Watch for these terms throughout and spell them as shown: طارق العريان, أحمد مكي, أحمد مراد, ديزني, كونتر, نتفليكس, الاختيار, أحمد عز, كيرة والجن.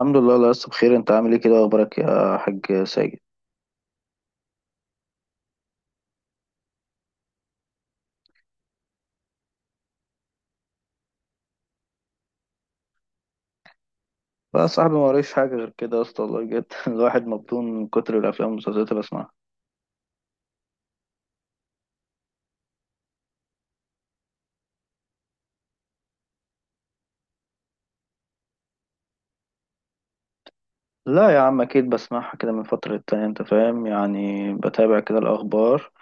الحمد لله، الله لسه بخير. انت عامل ايه كده؟ اخبارك يا حاج ساجد. بقى يا صاحبي ما وريش حاجه غير كده يا اسطى والله بجد. الواحد مبطون من كتر الافلام والمسلسلات اللي بسمعها. لا يا عم اكيد بسمعها كده من فتره للتانيه، انت فاهم، يعني بتابع كده الاخبار.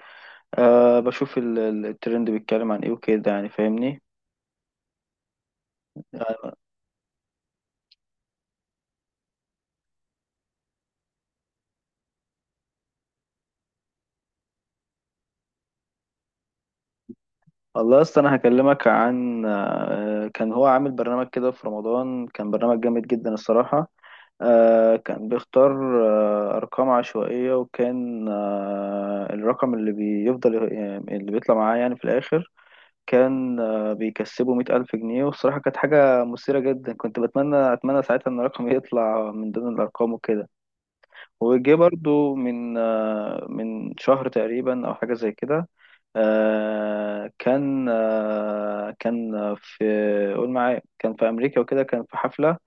أه بشوف الترند بيتكلم عن ايه وكده، يعني فاهمني. والله يا اسطى انا هكلمك عن كان هو عامل برنامج كده في رمضان، كان برنامج جامد جدا الصراحه. كان بيختار أرقام عشوائية، وكان الرقم اللي بيفضل، يعني اللي بيطلع معاه يعني في الآخر، كان بيكسبه مئة ألف جنيه. والصراحة كانت حاجة مثيرة جدا، كنت أتمنى ساعتها إن رقمي يطلع من ضمن الأرقام وكده. وجه برضو من من شهر تقريبا أو حاجة زي كده. كان في، قول معايا، كان في أمريكا وكده، كان في حفلة.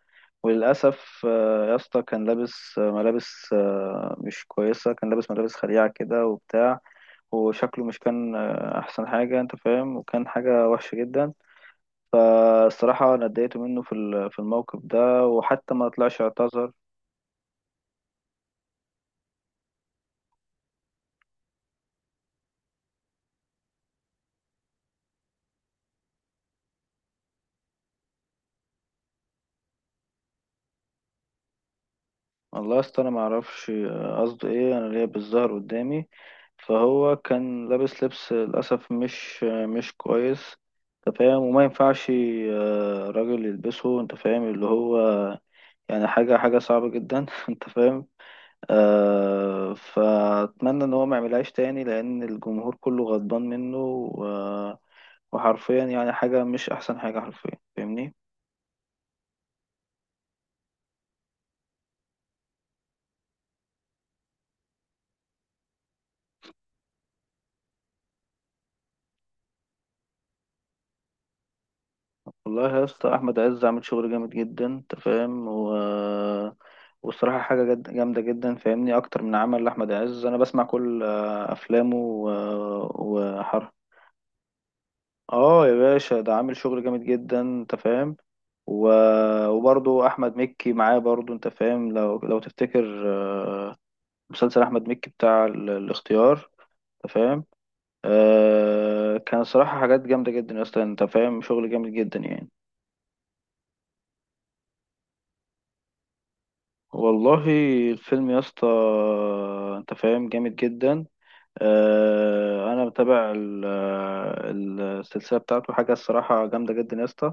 وللأسف يا اسطى كان لابس ملابس مش كويسة، كان لابس ملابس خليعة كده وبتاع. وشكله مش كان أحسن حاجة، أنت فاهم، وكان حاجة وحشة جدا. فالصراحة أنا اتضايقت منه في في الموقف ده، وحتى ما طلعش اعتذر. والله يا اسطى أنا معرفش قصده إيه، أنا ليا بالظهر قدامي. فهو كان لابس لبس للأسف مش مش كويس. أنت فاهم، وما ينفعش راجل يلبسه، أنت فاهم اللي هو، يعني حاجة حاجة صعبة جدا. انت فاهم. فأتمنى ان هو ما يعملهاش تاني لان الجمهور كله غضبان منه وحرفيا، يعني حاجة مش احسن حاجة حرفيا، فاهمني. والله يا اسطى احمد عز عامل شغل جامد جدا، انت فاهم، و والصراحة حاجة جد جامدة جدا، فاهمني. أكتر من عمل لأحمد عز، أنا بسمع كل أفلامه وحرفيا. اه يا باشا، ده عامل شغل جامد جدا انت فاهم و... وبرضه احمد مكي معاه برضه، انت فاهم، لو تفتكر مسلسل احمد مكي بتاع الاختيار، انت فاهم. كان صراحة حاجات جامدة جدا يا اسطى، انت فاهم، شغل جامد جدا يعني. والله الفيلم يا اسطى، انت فاهم، جامد جدا. انا متابع السلسلة بتاعته حاجة الصراحة جامدة جدا يا اسطى.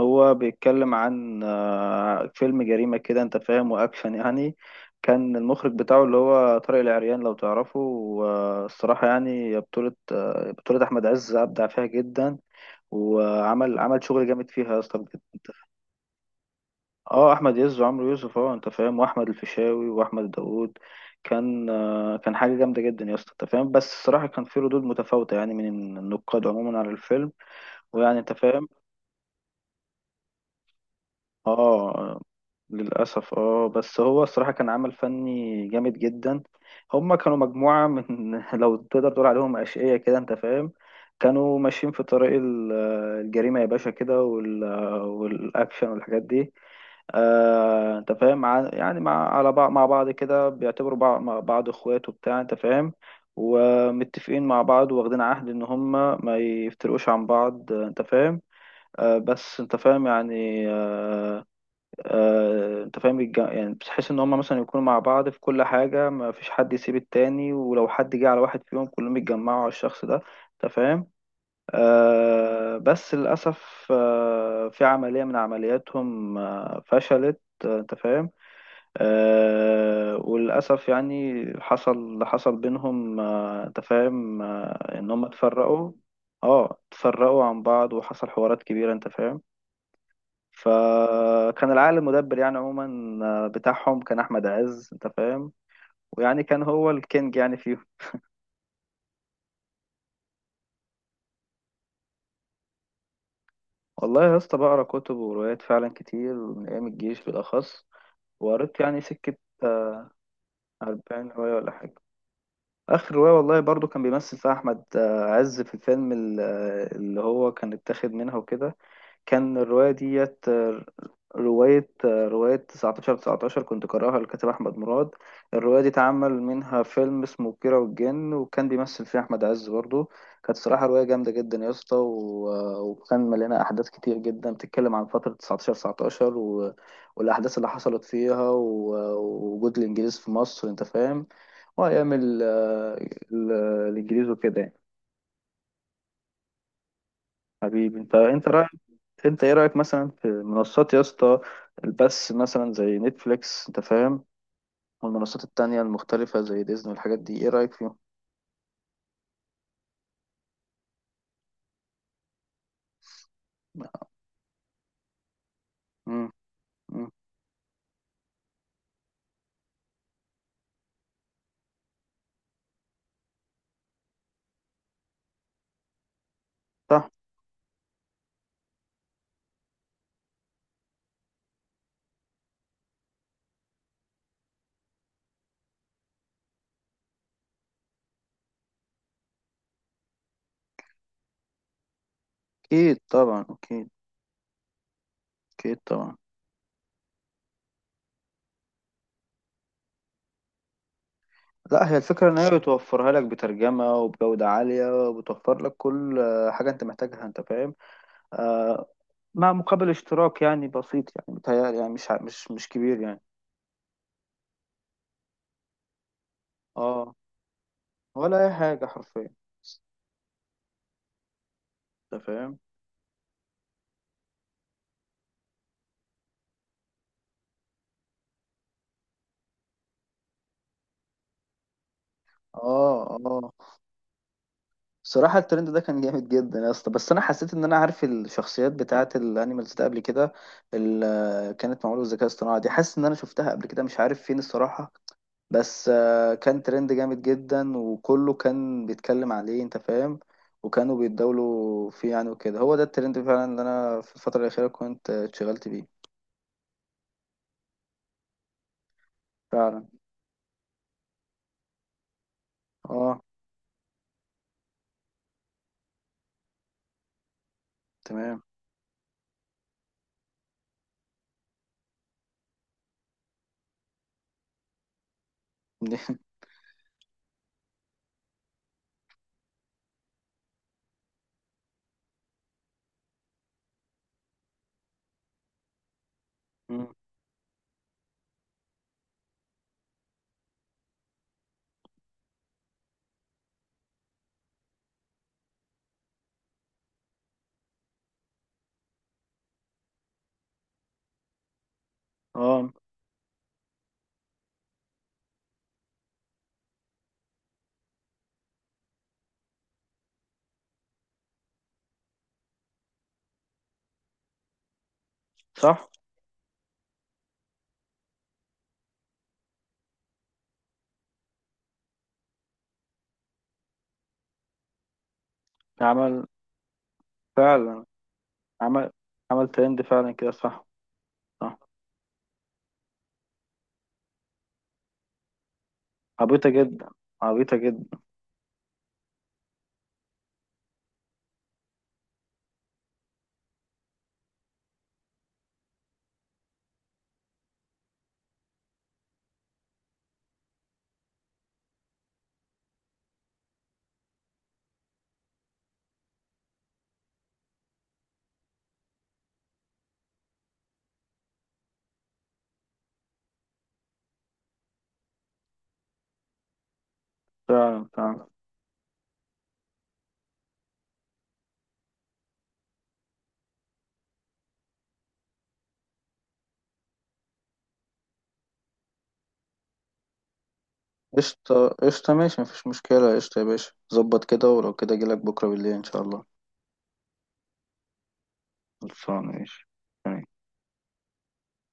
هو بيتكلم عن فيلم جريمة كده، انت فاهم، واكشن يعني. كان المخرج بتاعه اللي هو طارق العريان لو تعرفه. والصراحة يعني بطولة أحمد عز، أبدع فيها جدا. وعمل شغل جامد فيها يا اسطى، بجد انت. اه احمد عز وعمرو يوسف، اه انت فاهم، واحمد الفيشاوي واحمد داوود. كان حاجه جامده جدا يا اسطى، انت فاهم، بس الصراحه كان في ردود متفاوته يعني من النقاد عموما على الفيلم. ويعني انت فاهم. اه للأسف اه، بس هو الصراحة كان عمل فني جامد جدا. هما كانوا مجموعة من لو تقدر تقول عليهم أشقية كده، أنت فاهم. كانوا ماشيين في طريق الجريمة يا باشا كده والأكشن والحاجات دي. أنت فاهم يعني مع على بعض مع بعض كده، بيعتبروا بعض مع بعض إخوات وبتاع، أنت فاهم. ومتفقين مع بعض، واخدين عهد إن هما ما يفترقوش عن بعض، أنت فاهم. بس انت فاهم يعني انت فاهم يعني بتحس ان هم مثلا يكونوا مع بعض في كل حاجة، ما فيش حد يسيب التاني، ولو حد جه على واحد فيهم كلهم يتجمعوا على الشخص ده، انت فاهم. بس للأسف في عملية من عملياتهم فشلت، انت فاهم. وللأسف يعني حصل اللي حصل بينهم، انت فاهم، ان هم اتفرقوا. اه، اتفرقوا عن بعض وحصل حوارات كبيرة، انت فاهم. فكان العقل المدبر يعني عموما بتاعهم كان احمد عز، انت فاهم، ويعني كان هو الكينج يعني فيهم. والله يا اسطى بقرا كتب وروايات فعلا كتير من ايام الجيش بالاخص، وقريت يعني سكه 40 روايه ولا حاجه. اخر رواية والله برضو كان بيمثل فيها احمد عز، في الفيلم اللي هو كان اتاخد منها وكده. كان الرواية ديت رواية 19 19 كنت قارئها للكاتب أحمد مراد. الرواية دي اتعمل منها فيلم اسمه كيرة والجن، وكان بيمثل فيها أحمد عز برضو. كانت صراحة رواية جامدة جدا يا اسطى، وكان مليانة أحداث كتير جدا، بتتكلم عن فترة 19 19 والأحداث اللي حصلت فيها ووجود الإنجليز في مصر، أنت فاهم. وأيام ال- الانجليزي وكده يعني. حبيبي انت، انت رايك. انت ايه رايك مثلا في منصات يا اسطى؟ البث مثلا زي نتفليكس، انت فاهم، والمنصات التانية المختلفة زي ديزني والحاجات دي، ايه رايك فيهم؟ مم. مم. صح. اكيد طبعا اكيد. اكيد طبعا. لا هي الفكرة ان هي بتوفرها لك بترجمة وبجودة عالية، وبتوفر لك كل حاجة انت محتاجها، انت فاهم. آه. مع مقابل اشتراك يعني بسيط، يعني بتهيألي يعني مش مش كبير يعني. اه، ولا اي حاجة حرفيا، انت فاهم. اه، اه، صراحة الترند ده كان جامد جدا يا اسطى، بس انا حسيت ان انا عارف الشخصيات بتاعة الانيمالز ده قبل كده. اللي كانت معمولة بالذكاء الاصطناعي دي حاسس ان انا شفتها قبل كده، مش عارف فين الصراحة. بس كان ترند جامد جدا وكله كان بيتكلم عليه، انت فاهم، وكانوا بيتداولوا فيه يعني وكده. هو ده الترند فعلا اللي انا في الفترة الأخيرة كنت اتشغلت بيه. فعلا. اه تمام. اه صح. عمل فعلا عمل عمل ترند فعلا كده، صح. صح. عبيطة جدا. عبيطة جدا. فعلا. فعلا. قشطة قشطة، ماشي، مفيش مشكلة، قشطة يا باشا، ظبط كده، ولو كده أجيلك بكرة بالليل إن شاء الله. خلصانة ماشي.